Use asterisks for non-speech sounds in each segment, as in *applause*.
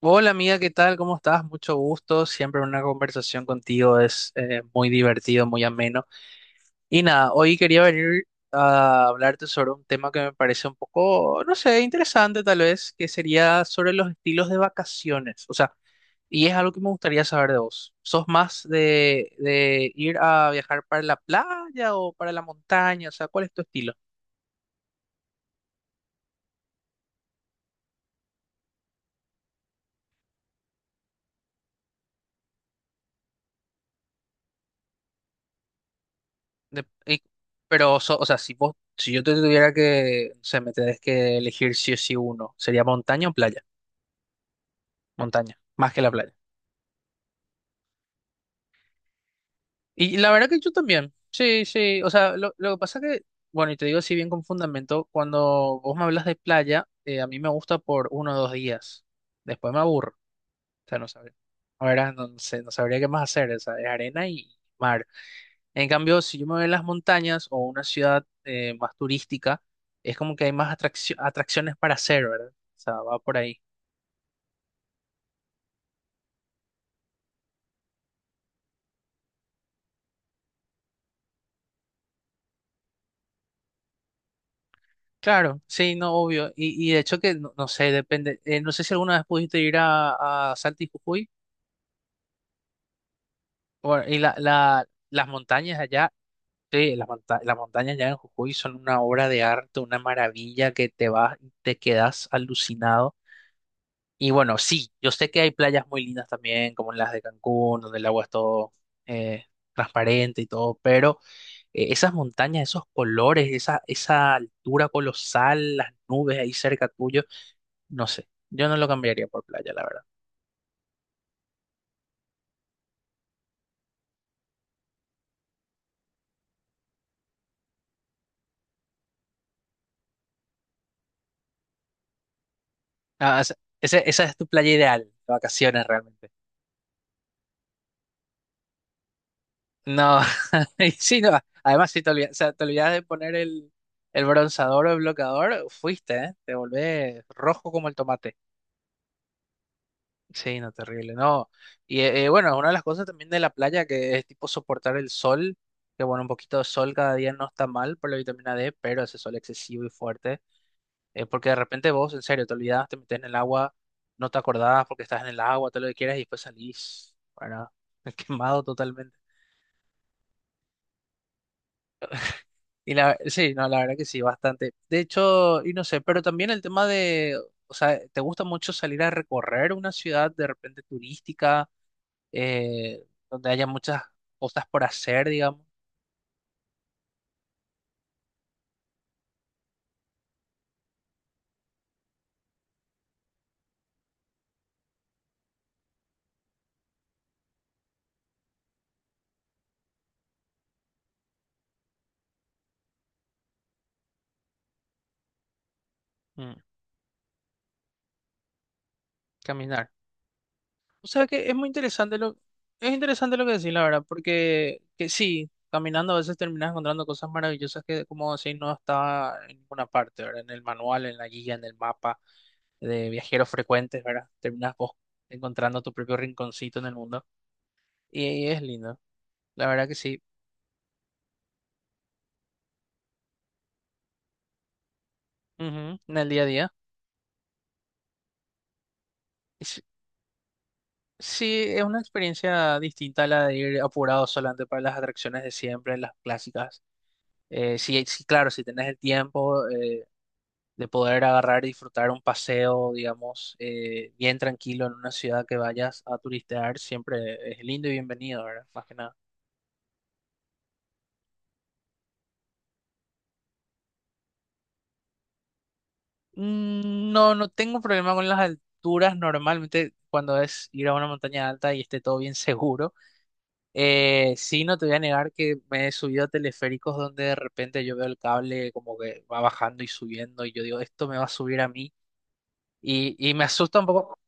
Hola amiga, ¿qué tal? ¿Cómo estás? Mucho gusto. Siempre una conversación contigo es muy divertido, muy ameno. Y nada, hoy quería venir a hablarte sobre un tema que me parece un poco, no sé, interesante tal vez, que sería sobre los estilos de vacaciones. O sea, y es algo que me gustaría saber de vos. ¿Sos más de ir a viajar para la playa o para la montaña? O sea, ¿cuál es tu estilo? de- y- pero, o sea, si vos, si yo te tuviera que, o sea, me tenés que elegir sí o sí uno, sería montaña o playa. Montaña, más que la playa. Y la verdad que yo también. Sí, sí. O sea, lo que pasa que, bueno, y te digo así bien con fundamento, cuando vos me hablas de playa, a mí me gusta por uno o dos días. Después me aburro. O sea, no sabría. Ahora no sé, no sabría qué más hacer. O sea, es arena y mar. En cambio, si yo me voy a las montañas o una ciudad más turística, es como que hay más atracciones para hacer, ¿verdad? O sea, va por ahí. Claro, sí, no, obvio. Y de hecho que, no, no sé, depende. No sé si alguna vez pudiste ir a Salta y Jujuy. Bueno, y las montañas allá, sí, las montañas allá en Jujuy son una obra de arte, una maravilla que te vas, te quedas alucinado. Y bueno, sí, yo sé que hay playas muy lindas también, como las de Cancún, donde el agua es todo eh, transparente y todo, pero esas montañas, esos colores, esa altura colosal, las nubes ahí cerca tuyo, no sé, yo no lo cambiaría por playa, la verdad. Ah, esa es tu playa ideal, de vacaciones realmente. No, *laughs* y sí, no, además si te olvidas, o sea, te olvidas de poner el bronceador o el bloqueador, fuiste, ¿eh? Te volvés rojo como el tomate. Sí, no, terrible, no. Y bueno, es una de las cosas también de la playa que es tipo soportar el sol, que bueno, un poquito de sol cada día no está mal por la vitamina D, pero ese sol excesivo y fuerte, porque de repente vos, en serio, te olvidás, te metes en el agua, no te acordás porque estás en el agua, todo lo que quieras y después salís, bueno, *laughs* quemado totalmente. Y sí, no, la verdad que sí, bastante. De hecho, y no sé, pero también el tema de, o sea, ¿te gusta mucho salir a recorrer una ciudad de repente turística? Donde haya muchas cosas por hacer, digamos. Mm, Caminar. O sea que es interesante lo que decís, la verdad, porque que sí, caminando a veces terminas encontrando cosas maravillosas que, como decís, no está en ninguna parte, ¿verdad? En el manual, en la guía, en el mapa de viajeros frecuentes, ¿verdad? Terminas vos encontrando tu propio rinconcito en el mundo y, es lindo, la verdad que sí. Ujú, en el día a día. Sí, es una experiencia distinta a la de ir apurado solamente para las atracciones de siempre, las clásicas. Sí, sí, claro, si tenés el tiempo de poder agarrar y disfrutar un paseo, digamos, bien tranquilo en una ciudad que vayas a turistear, siempre es lindo y bienvenido, ¿verdad? Más que nada. No, no tengo problema con las alturas. Normalmente cuando es ir a una montaña alta y esté todo bien *laughs* seguro. Sí, no te voy a negar que me he subido a teleféricos donde de repente yo veo el cable como que va bajando y subiendo y yo digo, esto me va a subir a mí y me asusta un poco.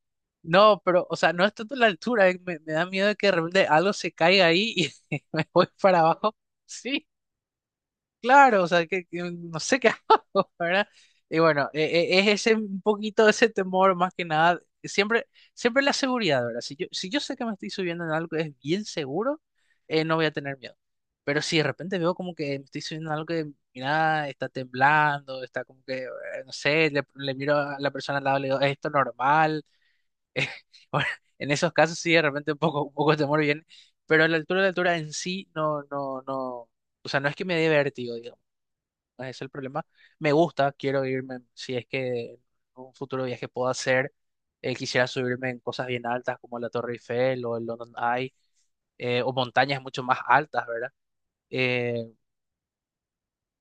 No, pero, o sea, no es tanto la altura, me da miedo de que de repente algo se caiga ahí y *laughs* me voy para abajo. Sí. Claro, o sea, que no sé qué *laughs* hago, ¿verdad? Y bueno, es ese un poquito ese temor más que nada, siempre, siempre la seguridad, ¿verdad? Si yo sé que me estoy subiendo en algo que es bien seguro, no voy a tener miedo. Pero si de repente veo como que me estoy subiendo en algo que, mira, está temblando, está como que, no sé, le miro a la persona al lado y le digo, ¿es esto normal? *laughs* Bueno, en esos casos sí, de repente un poco de temor viene, pero a la altura en sí no, no, no. O sea, no es que me dé vértigo, ese es el problema. Me gusta, quiero irme, si es que en un futuro viaje puedo hacer, quisiera subirme en cosas bien altas como la Torre Eiffel o el London Eye, o montañas mucho más altas, ¿verdad? Eh,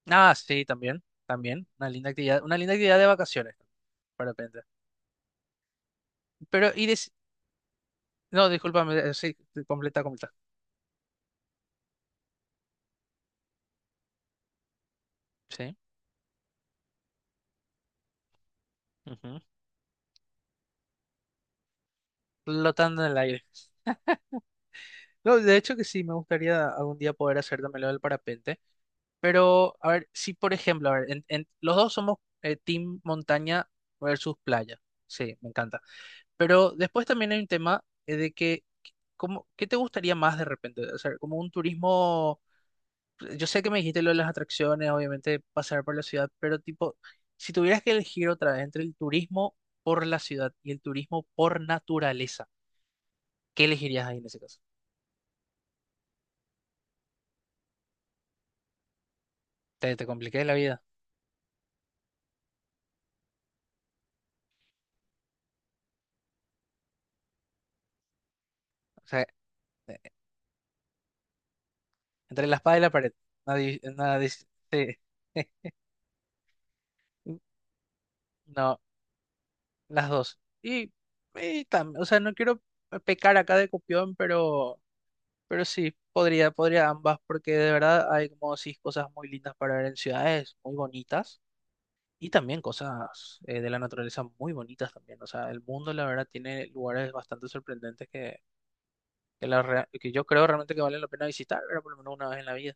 ah, sí, también, también, una linda actividad de vacaciones, de repente. Pero, no, discúlpame, sí, completa, completa. Sí. Ujú, flotando en el aire. No, de hecho que sí, me gustaría algún día poder hacer también lo del parapente. Pero, a ver, si por ejemplo, a ver, los dos somos team montaña versus playa. Sí, me encanta. Pero después también hay un tema de que, ¿cómo, qué te gustaría más de repente? O sea, como un turismo, yo sé que me dijiste lo de las atracciones, obviamente pasar por la ciudad, pero tipo, si tuvieras que elegir otra vez entre el turismo por la ciudad y el turismo por naturaleza, ¿qué elegirías ahí en ese caso? Te compliqué la vida. O sea, eh, entre la espada y la pared. Nadie, nadie, sí. *laughs* No, las dos. Y o sea, no quiero pecar acá de copión, pero, sí, podría ambas, porque de verdad hay como decís cosas muy lindas para ver en ciudades muy bonitas y también cosas de la naturaleza muy bonitas también. O sea, el mundo la verdad tiene lugares bastante sorprendentes que yo creo realmente que valen la pena visitar, pero por lo menos una vez en la vida.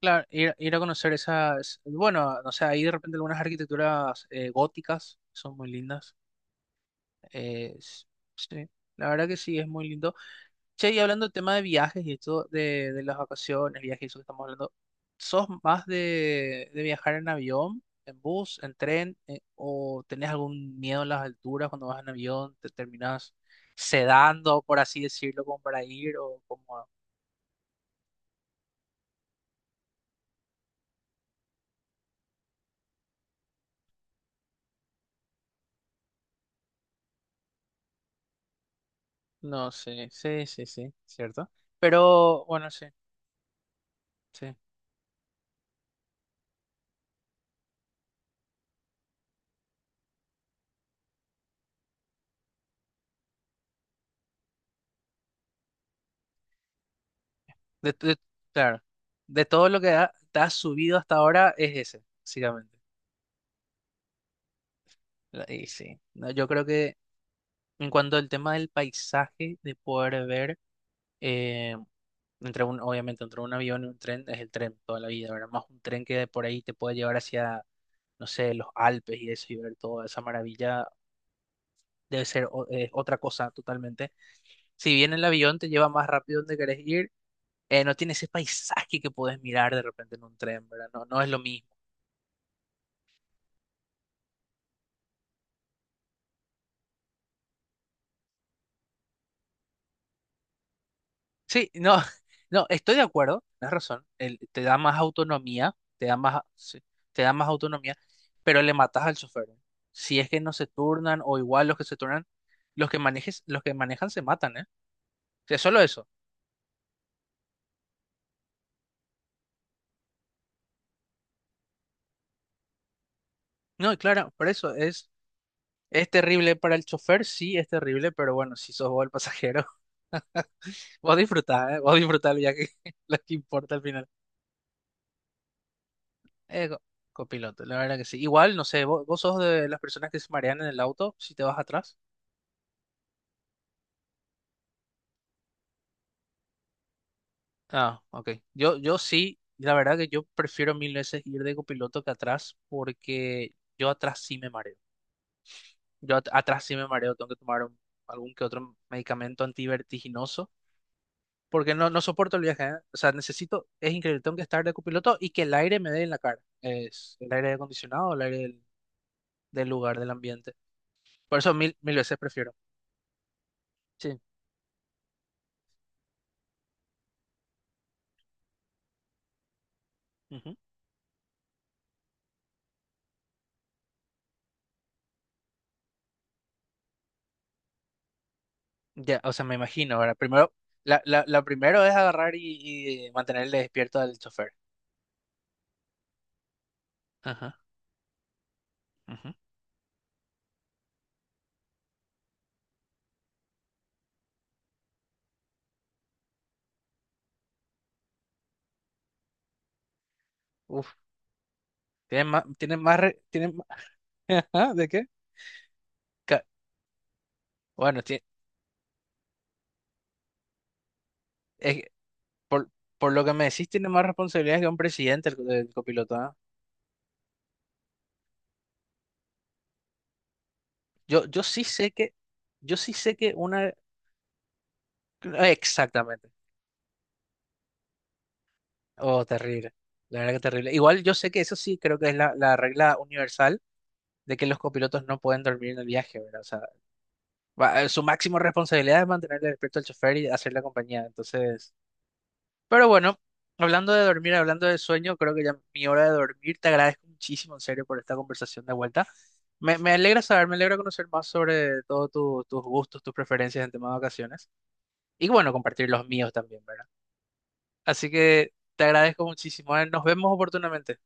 Claro, ir a conocer esas, bueno, no sé, ahí de repente algunas arquitecturas góticas son muy lindas. Eh, s- sí, la verdad que sí, es muy lindo. Che, y hablando del tema de viajes y esto de las vacaciones, viajes y eso que estamos hablando, ¿sos más de viajar en avión, en bus, en tren, o tenés algún miedo a las alturas cuando vas en avión, te terminás sedando, por así decirlo, como para ir, o como... No sé, sí, sí, sí, cierto. Pero bueno, sí, sí. De, de- claro, de todo lo que te has subido hasta ahora es ese, básicamente. Y sí, no, yo creo que en cuanto al tema del paisaje, de poder ver, eh, obviamente entre un avión y un tren, es el tren toda la vida, ¿verdad? Más un tren que de por ahí te puede llevar hacia, no sé, los Alpes y eso, y ver toda esa maravilla, debe ser otra cosa totalmente. Si bien el avión te lleva más rápido donde querés ir, no tiene ese paisaje que puedes mirar de repente en un tren, ¿verdad? No, no es lo mismo. Sí, no, *laughs* no, estoy de acuerdo, tienes razón. Te da más autonomía, sí, te da más autonomía, pero le matas al chofer, ¿eh? Si es que no se turnan, o igual los que se turnan, los que manejan se matan, ¿eh? O sea, solo eso. No, y claro, por eso es terrible para el chofer, sí, es terrible, pero bueno, si sos vos el pasajero, *laughs* vos disfrutás, ¿eh? Vos disfrutás el viaje, *laughs* lo que importa al final. Eh, co- copiloto, la verdad que sí. Igual, no sé, vos sos de las personas que se marean en el auto si te vas atrás. Ah, ok. Yo sí, la verdad que yo prefiero mil veces ir de copiloto que atrás, porque yo atrás sí me mareo. Yo atrás sí me mareo, tengo que tomar algún que otro medicamento antivertiginoso, porque no soporto el viaje, ¿eh? O sea, necesito, es increíble, tengo que estar de copiloto y que el aire me dé en la cara. Es el aire acondicionado, el aire del lugar, del ambiente. Por eso mil, mil veces prefiero. Sí. Ujú. Ya, o sea, me imagino, ahora, primero, la primero es agarrar y mantener despierto al chofer. Ajá, ujú. Uf, tienen más. *laughs* Ajá, ¿de qué? Ca- Bueno, es que por, por lo que me decís, tiene más responsabilidades que un presidente el copiloto, ¿ah? Yo sí sé que, yo sí sé que una, exactamente. Oh, terrible. La verdad que terrible. Igual yo sé que eso sí creo que es la regla universal de que los copilotos no pueden dormir en el viaje, ¿verdad? O sea, su máxima responsabilidad es mantener despierto al chofer y hacer la compañía. Entonces. Pero bueno, hablando de dormir, hablando de sueño, creo que ya es mi hora de dormir. Te agradezco muchísimo, en serio, por esta conversación de vuelta. Me alegra saber, me alegra conocer más sobre todos tus gustos, tus preferencias en tema de vacaciones. Y bueno, compartir los míos también, ¿verdad? Así que te agradezco muchísimo. Nos vemos oportunamente.